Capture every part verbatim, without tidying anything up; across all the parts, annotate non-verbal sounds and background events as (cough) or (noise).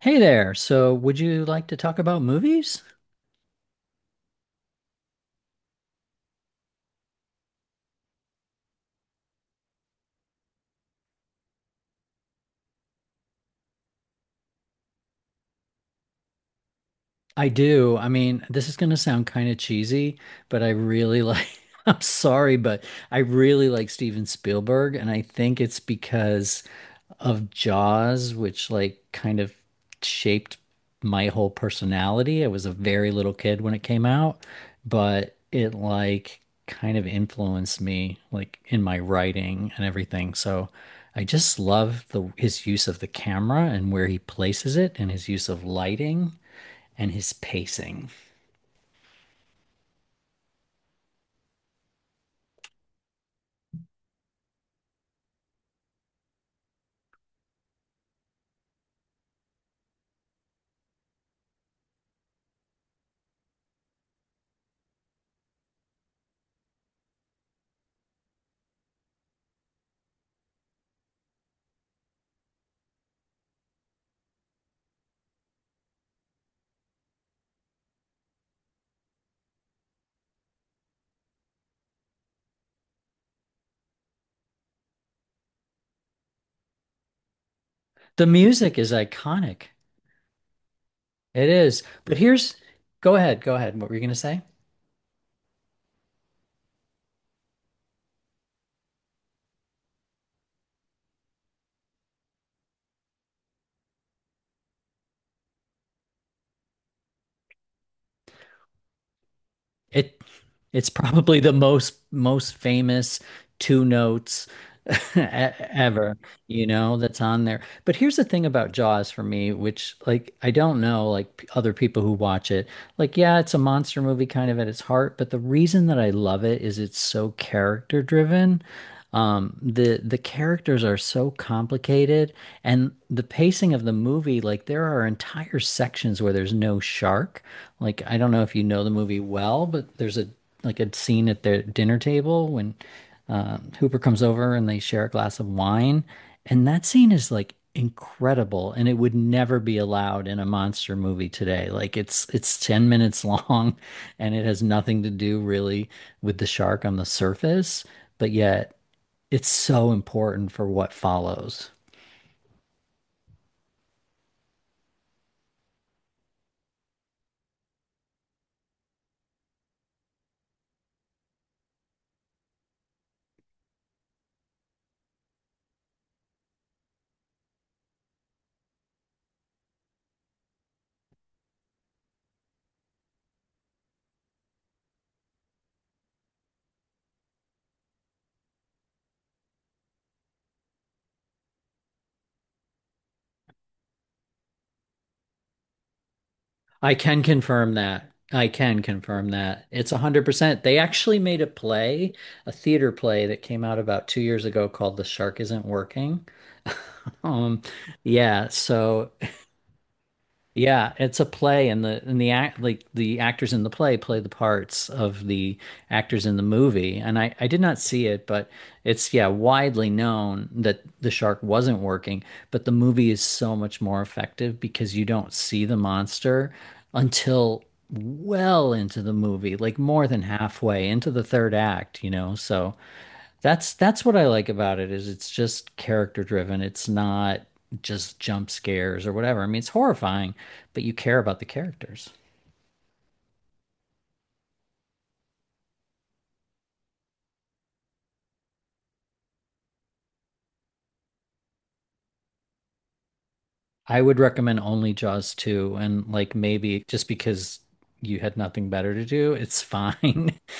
Hey there. So, would you like to talk about movies? I do. I mean, this is going to sound kind of cheesy, but I really like, (laughs) I'm sorry, but I really like Steven Spielberg. And I think it's because of Jaws, which like kind of shaped my whole personality. I was a very little kid when it came out, but it like kind of influenced me like in my writing and everything. So I just love the his use of the camera and where he places it and his use of lighting and his pacing. The music is iconic. It is. But here's, go ahead, go ahead. What were you going to say? It it's probably the most most famous two notes (laughs) e- ever, you know, that's on there. But here's the thing about Jaws for me, which like I don't know like p- other people who watch it. Like yeah, it's a monster movie kind of at its heart, but the reason that I love it is it's so character driven. Um, the the characters are so complicated and the pacing of the movie, like there are entire sections where there's no shark. Like I don't know if you know the movie well, but there's a like a scene at their dinner table when um, Hooper comes over and they share a glass of wine, and that scene is like incredible, and it would never be allowed in a monster movie today. Like it's it's ten minutes (laughs) long, and it has nothing to do really with the shark on the surface, but yet it's so important for what follows. I can confirm that. I can confirm that. It's one hundred percent. They actually made a play, a theater play that came out about two years ago called The Shark Isn't Working. (laughs) Um, yeah, so yeah, it's a play, and the and the act like the actors in the play play the parts of the actors in the movie. And I I did not see it, but it's yeah widely known that the shark wasn't working. But the movie is so much more effective because you don't see the monster until well into the movie, like more than halfway into the third act, you know. So that's that's what I like about it is it's just character driven. It's not just jump scares or whatever. I mean, it's horrifying, but you care about the characters. I would recommend only Jaws two, and like maybe just because you had nothing better to do, it's fine. (laughs)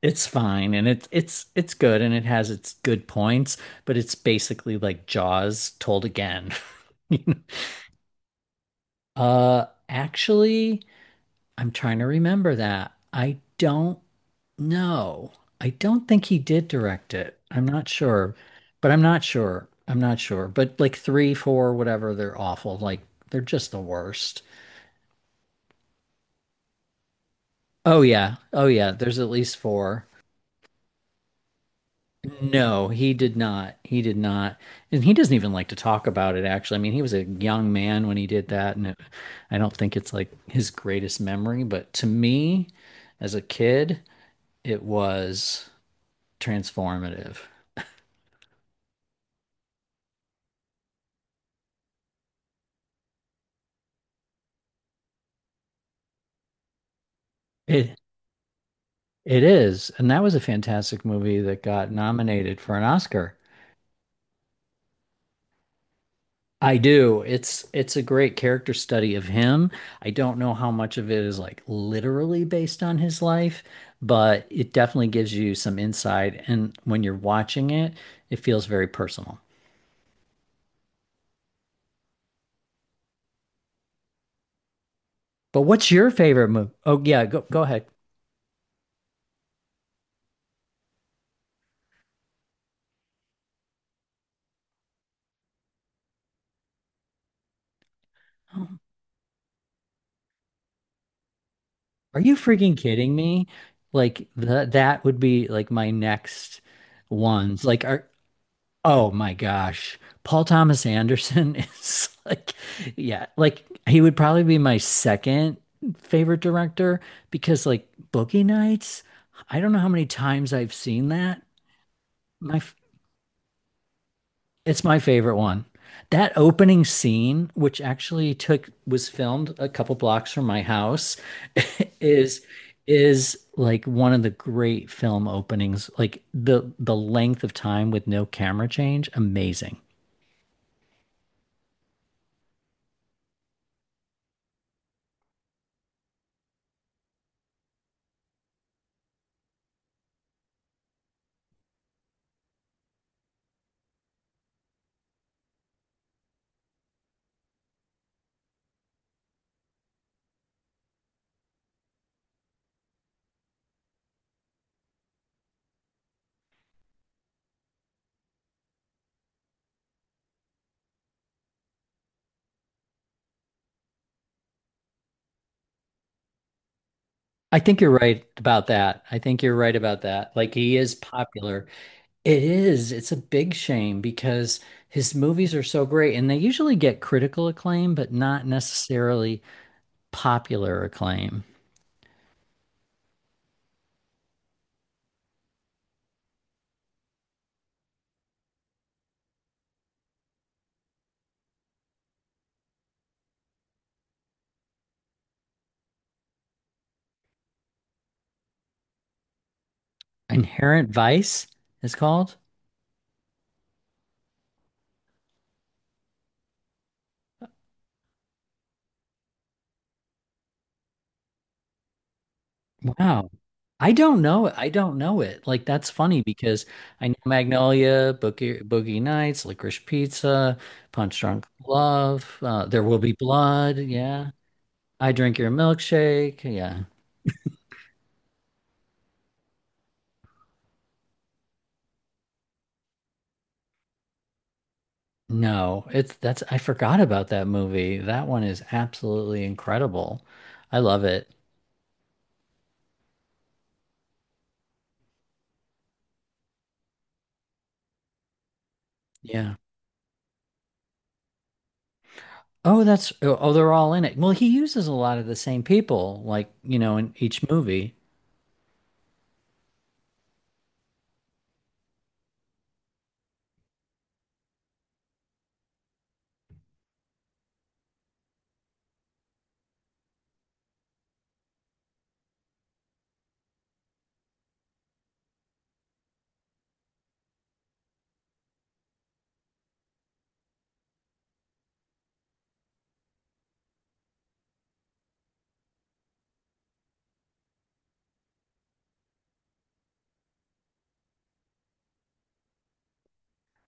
It's fine and it's it's it's good and it has its good points, but it's basically like Jaws told again. (laughs) You know? Uh actually, I'm trying to remember that. I don't. No, I don't think he did direct it. I'm not sure, but I'm not sure. I'm not sure. But like three, four, whatever, they're awful. Like they're just the worst. Oh yeah. Oh yeah. There's at least four. No, he did not. He did not. And he doesn't even like to talk about it, actually. I mean, he was a young man when he did that. And it, I don't think it's like his greatest memory. But to me, as a kid, it was transformative. It It is, and that was a fantastic movie that got nominated for an Oscar. I do. It's it's a great character study of him. I don't know how much of it is like literally based on his life, but it definitely gives you some insight. And when you're watching it, it feels very personal. But what's your favorite movie? Oh yeah, go go ahead. Oh, are you freaking kidding me? Like the that would be like my next ones. Like are, oh my gosh. Paul Thomas Anderson (laughs) is like, yeah, like he would probably be my second favorite director because like Boogie Nights, I don't know how many times I've seen that. My f- it's my favorite one. That opening scene, which actually took was filmed a couple blocks from my house, (laughs) is is like one of the great film openings. Like the the length of time with no camera change, amazing. I think you're right about that. I think you're right about that. Like he is popular. It is. It's a big shame because his movies are so great and they usually get critical acclaim, but not necessarily popular acclaim. Inherent Vice is called. Wow. I don't know it. I don't know it. Like that's funny because I know Magnolia, Boogie, Boogie Nights, Licorice Pizza, Punch Drunk Love, uh, There Will Be Blood. Yeah. I Drink Your Milkshake. Yeah. No, it's that's I forgot about that movie. That one is absolutely incredible. I love it. Yeah. Oh, that's oh, oh, they're all in it. Well, he uses a lot of the same people, like, you know, in each movie.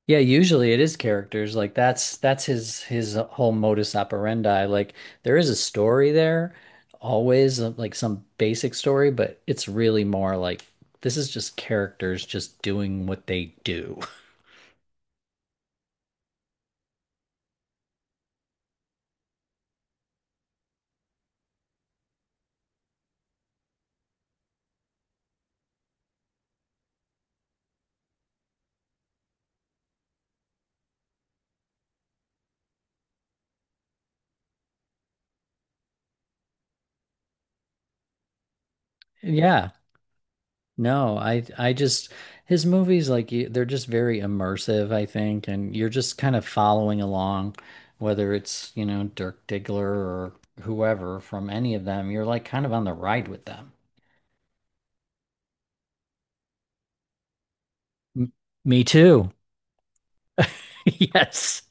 Yeah, usually it is characters. Like that's that's his his whole modus operandi. Like there is a story there, always uh, like some basic story, but it's really more like this is just characters just doing what they do. (laughs) Yeah. No, I I just his movies like you, they're just very immersive, I think, and you're just kind of following along, whether it's, you know, Dirk Diggler or whoever from any of them, you're like kind of on the ride with them. M- Me too. (laughs) Yes.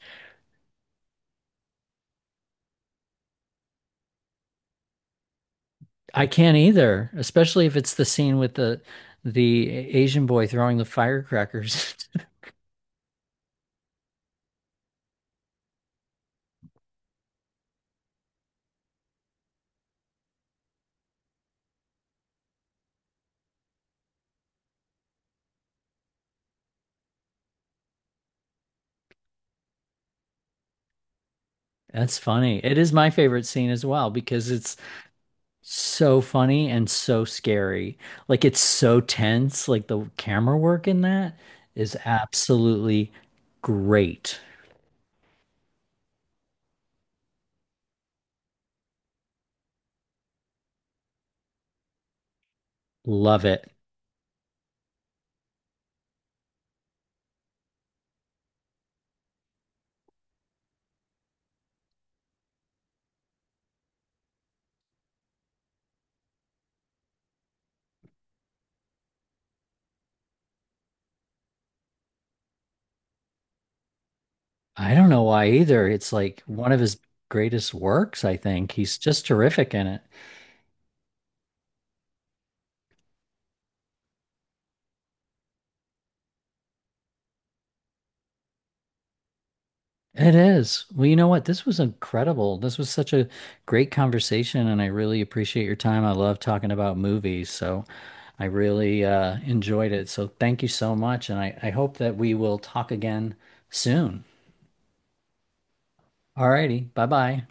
I can't either, especially if it's the scene with the the Asian boy throwing the firecrackers. (laughs) That's funny. It is my favorite scene as well because it's so funny and so scary. Like it's so tense. Like the camera work in that is absolutely great. Love it. I don't know why either. It's like one of his greatest works, I think. He's just terrific in it. It is. Well, you know what? This was incredible. This was such a great conversation, and I really appreciate your time. I love talking about movies, so I really uh, enjoyed it. So thank you so much, and I, I hope that we will talk again soon. All righty. Bye bye.